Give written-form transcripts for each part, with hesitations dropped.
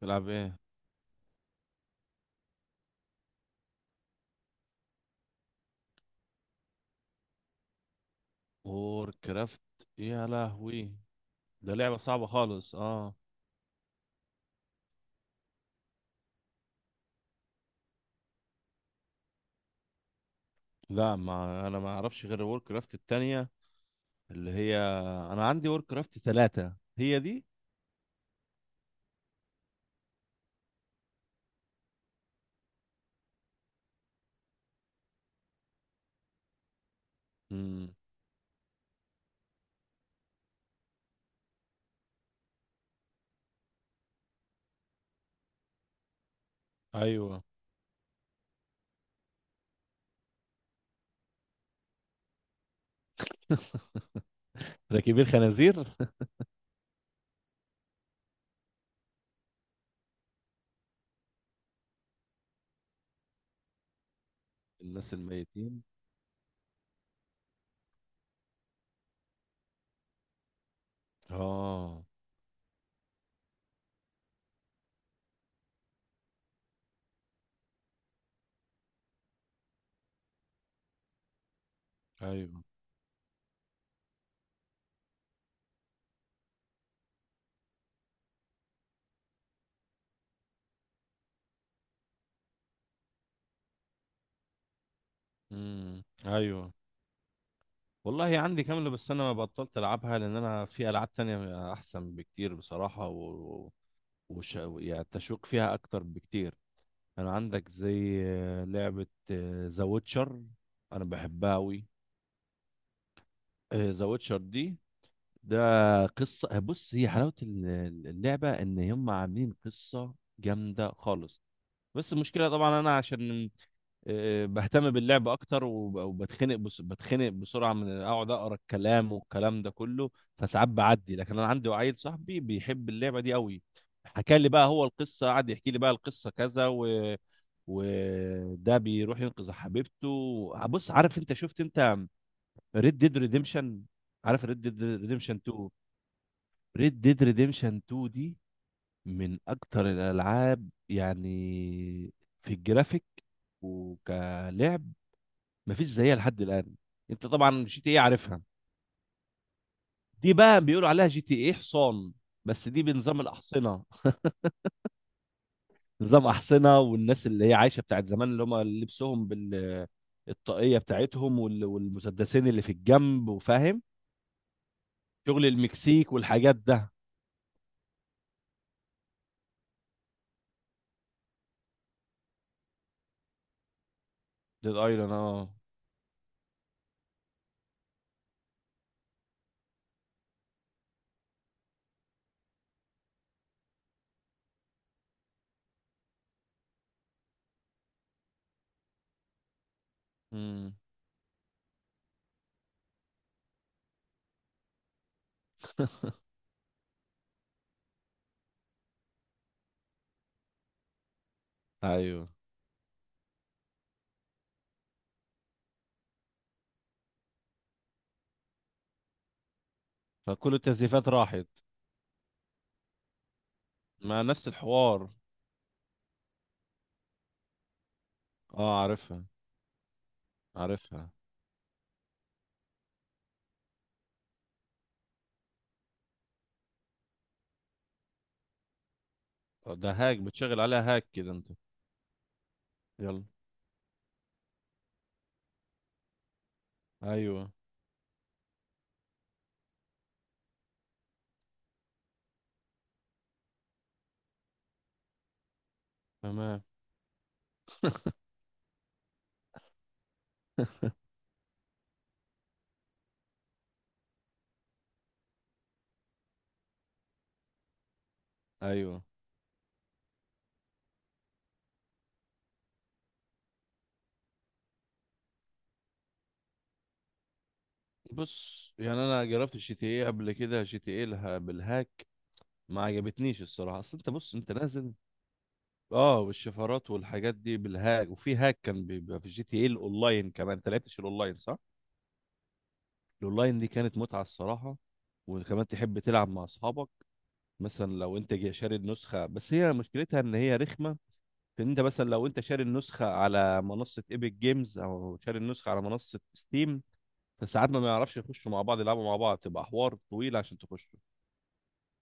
تلعب ايه؟ وور كرافت، يا لهوي، ده لعبة صعبة خالص، اه. لا، ما انا ما اعرفش غير وور كرافت التانية، اللي هي انا عندي وور كرافت 3 هي دي. امم ايوه. راكبين خنازير الناس الميتين. اه، ايوه. ايوه، والله عندي كاملة، بس انا بطلت العبها لان انا في العاب تانية احسن بكتير بصراحة. و... يعني التشويق فيها اكتر بكتير. كان عندك زي لعبة ذا ويتشر. أنا بحبها أوي. ذا ويتشر دي، ده قصة. بص، هي حلاوة اللعبة إن هم عاملين قصة جامدة خالص. بس المشكلة طبعا أنا عشان بهتم باللعب اكتر، وبتخنق، بس بتخنق بسرعه من اقعد اقرا الكلام والكلام ده كله. فساعات بعدي، لكن انا عندي عيل صاحبي بيحب اللعبه دي قوي. حكى لي بقى هو القصه، قعد يحكي لي بقى القصه كذا، و... وده بيروح ينقذ حبيبته. بص، عارف انت، شفت انت ريد ديد ريديمشن؟ عارف ريد ديد ريديمشن 2؟ ريد ديد ريديمشن 2 دي من اكتر الالعاب يعني في الجرافيك وكلعب، مفيش زيها لحد الان. انت طبعا جي تي ايه عارفها؟ دي بقى بيقولوا عليها جي تي ايه حصان، بس دي بنظام الاحصنه. نظام احصنه، والناس اللي هي عايشه بتاعت زمان، اللي هم لبسهم بال الطاقيه بتاعتهم والمسدسين اللي في الجنب وفاهم، شغل المكسيك والحاجات ده. ديد ايلاند، اه. امم ايوه. فكل التزييفات راحت. ما نفس الحوار. اه، عارفها، عارفها. ده هاك بتشغل عليها، هاك كده انت. يلا. ايوه، تمام. ايوه. بص، يعني انا جربت الجي تي ايه قبل كده، جي تي ايه لها بالهاك. ما عجبتنيش الصراحه، اصل انت بص انت نازل. اه، والشفرات والحاجات دي بالهاك، وفي هاك كان بيبقى في جي تي ايه الاونلاين كمان. انت لعبتش الاونلاين صح؟ الاونلاين دي كانت متعه الصراحه. وكمان تحب تلعب مع اصحابك. مثلا لو انت جاي شاري النسخه، بس هي مشكلتها ان هي رخمه في ان انت مثلا لو انت شاري النسخه على منصه ايبك جيمز او شاري النسخه على منصه ستيم، فساعات ما بيعرفش يخشوا مع بعض يلعبوا مع بعض، تبقى حوار طويل عشان تخش.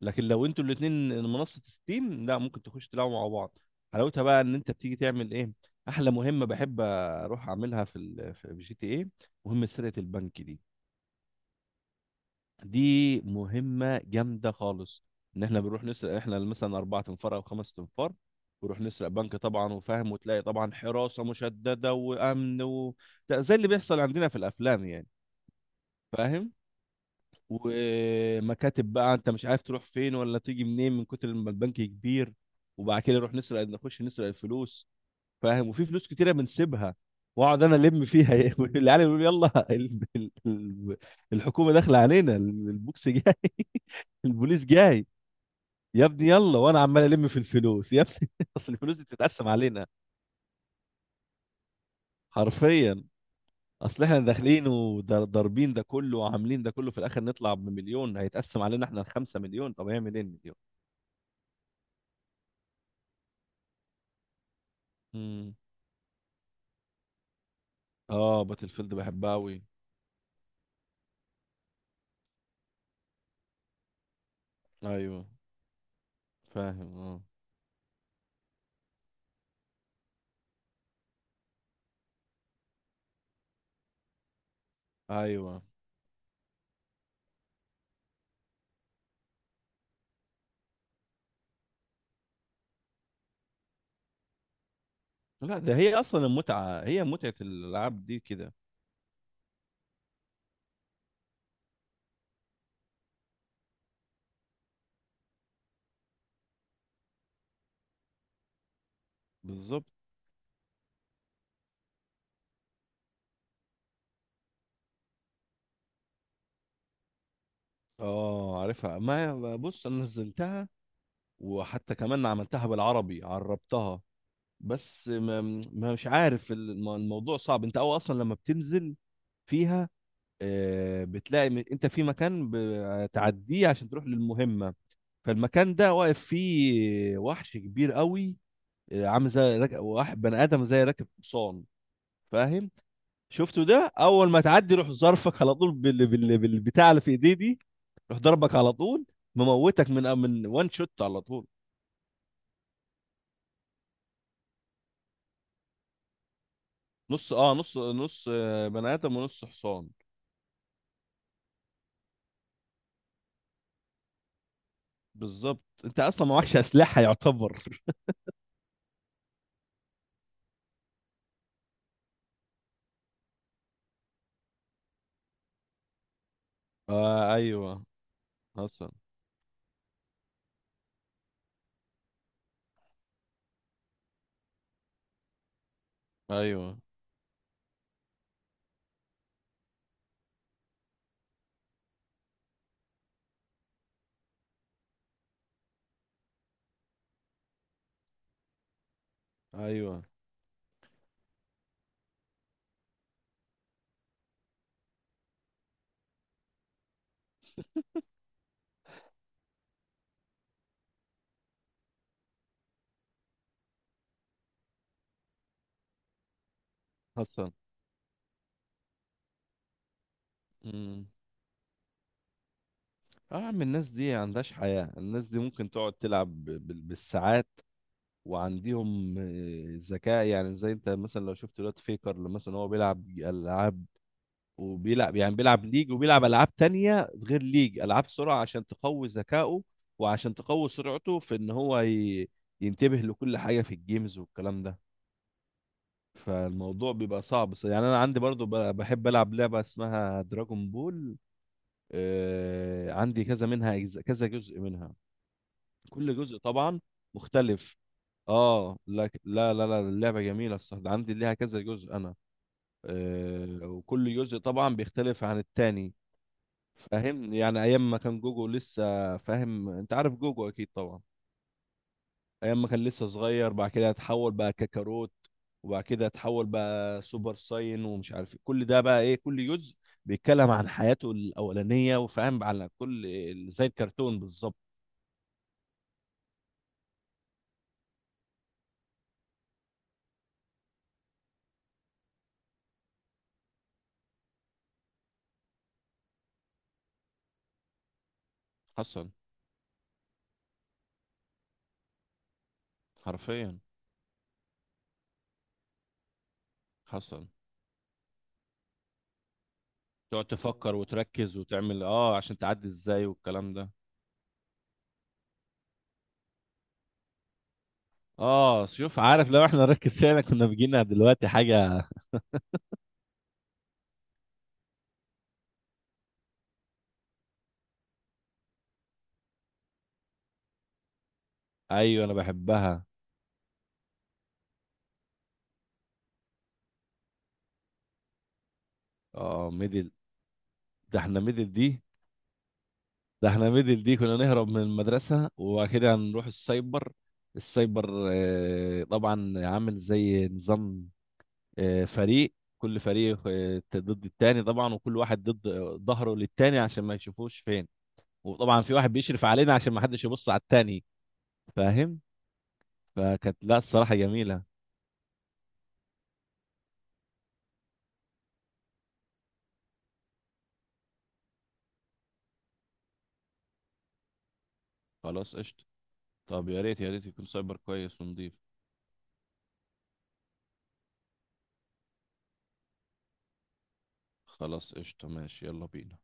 لكن لو انتوا الاثنين منصه ستيم، لا، ممكن تخش تلعبوا مع بعض. حلاوتها بقى ان انت بتيجي تعمل ايه. احلى مهمه بحب اروح اعملها في جي تي ايه، مهمه سرقه البنك دي. دي مهمه جامده خالص. ان احنا بنروح نسرق، احنا مثلا اربعة انفار او خمسة انفار، بنروح نسرق بنك طبعا، وفاهم، وتلاقي طبعا حراسه مشدده وامن. و... ده زي اللي بيحصل عندنا في الافلام يعني. فاهم. ومكاتب بقى، انت مش عارف تروح فين ولا تيجي منين من كتر ما البنك كبير. وبعد كده نروح نسرق، نخش نسرق الفلوس. فاهم، وفي فلوس كتيره بنسيبها، واقعد انا الم فيها. العيال يقولوا لي: يلا، الحكومه داخله علينا، البوكس جاي. البوليس جاي. يا ابني يلا، وانا عمال الم في الفلوس يا ابني. اصل الفلوس دي بتتقسم علينا حرفيا. اصل احنا داخلين وضاربين ده كله وعاملين ده كله، في الاخر نطلع بمليون هيتقسم علينا احنا الخمسة، مليون طب هيعمل ايه المليون؟ امم اه، باتل فيلد بحبها قوي. ايوه، فاهم، اه. ايوه، لا، ده هي اصلا المتعه، هي متعه الالعاب دي كده. بالظبط. اه، عارفها. ما هي- بص انا نزلتها، وحتى كمان عملتها بالعربي، عربتها. بس ما، مش عارف، الموضوع صعب، انت او اصلا لما بتنزل فيها بتلاقي، انت في مكان بتعديه عشان تروح للمهمه، فالمكان ده واقف فيه وحش كبير قوي، عامل زي واحد بني ادم زي راكب حصان. فاهم. شفته ده، اول ما تعدي روح ظرفك على طول بالبتاع اللي في ايديه دي، روح ضربك على طول، مموتك من وان شوت على طول. نص اه نص نص آه، بني ادم ونص حصان. بالظبط، انت اصلا ما معكش اسلحه يعتبر. آه، ايوه. حصل. ايوه، ايوه، حصل. امم اه، يا عم، الناس دي عندهاش حياه، الناس دي ممكن تقعد تلعب بالساعات. وعندهم ذكاء، يعني زي انت مثلا لو شفت دلوقتي فيكر لما مثلا هو بيلعب العاب، وبيلعب، يعني بيلعب ليج، وبيلعب العاب تانية غير ليج، العاب سرعة عشان تقوي ذكائه، وعشان تقوي سرعته في ان هو ينتبه لكل حاجة في الجيمز والكلام ده. فالموضوع بيبقى صعب. يعني انا عندي برضو، بحب العب لعبة اسمها دراجون بول. عندي كذا منها كذا جزء منها، كل جزء طبعا مختلف. اه، لك، لا، لا، لا، اللعبه جميله الصراحه، ده عندي ليها كذا جزء انا. وكل جزء طبعا بيختلف عن التاني. فاهم، يعني ايام ما كان جوجو لسه، فاهم انت عارف جوجو اكيد طبعا، ايام ما كان لسه صغير، بعد كده اتحول بقى كاكاروت، وبعد كده اتحول بقى سوبر ساين ومش عارف إيه. كل ده بقى ايه، كل جزء بيتكلم عن حياته الاولانيه وفاهم على كل، زي الكرتون بالظبط. حصل حرفيا. حصل. تقعد تفكر وتركز وتعمل، اه، عشان تعدي ازاي والكلام ده. اه، شوف، عارف لو احنا نركز فيها كنا بيجينا دلوقتي حاجة. ايوه، انا بحبها. اه، ميدل. ده احنا ميدل دي، ده احنا ميدل دي كنا نهرب من المدرسة وكده هنروح السايبر. السايبر طبعا عامل زي نظام، فريق، كل فريق ضد التاني طبعا، وكل واحد ضد ظهره للتاني عشان ما يشوفوش فين، وطبعا في واحد بيشرف علينا عشان ما حدش يبص على التاني. فاهم. فكانت، لا، الصراحة جميلة. خلاص، قشطة. طب يا ريت يا ريت يكون سايبر كويس ونضيف. خلاص، قشطة، ماشي، يلا بينا.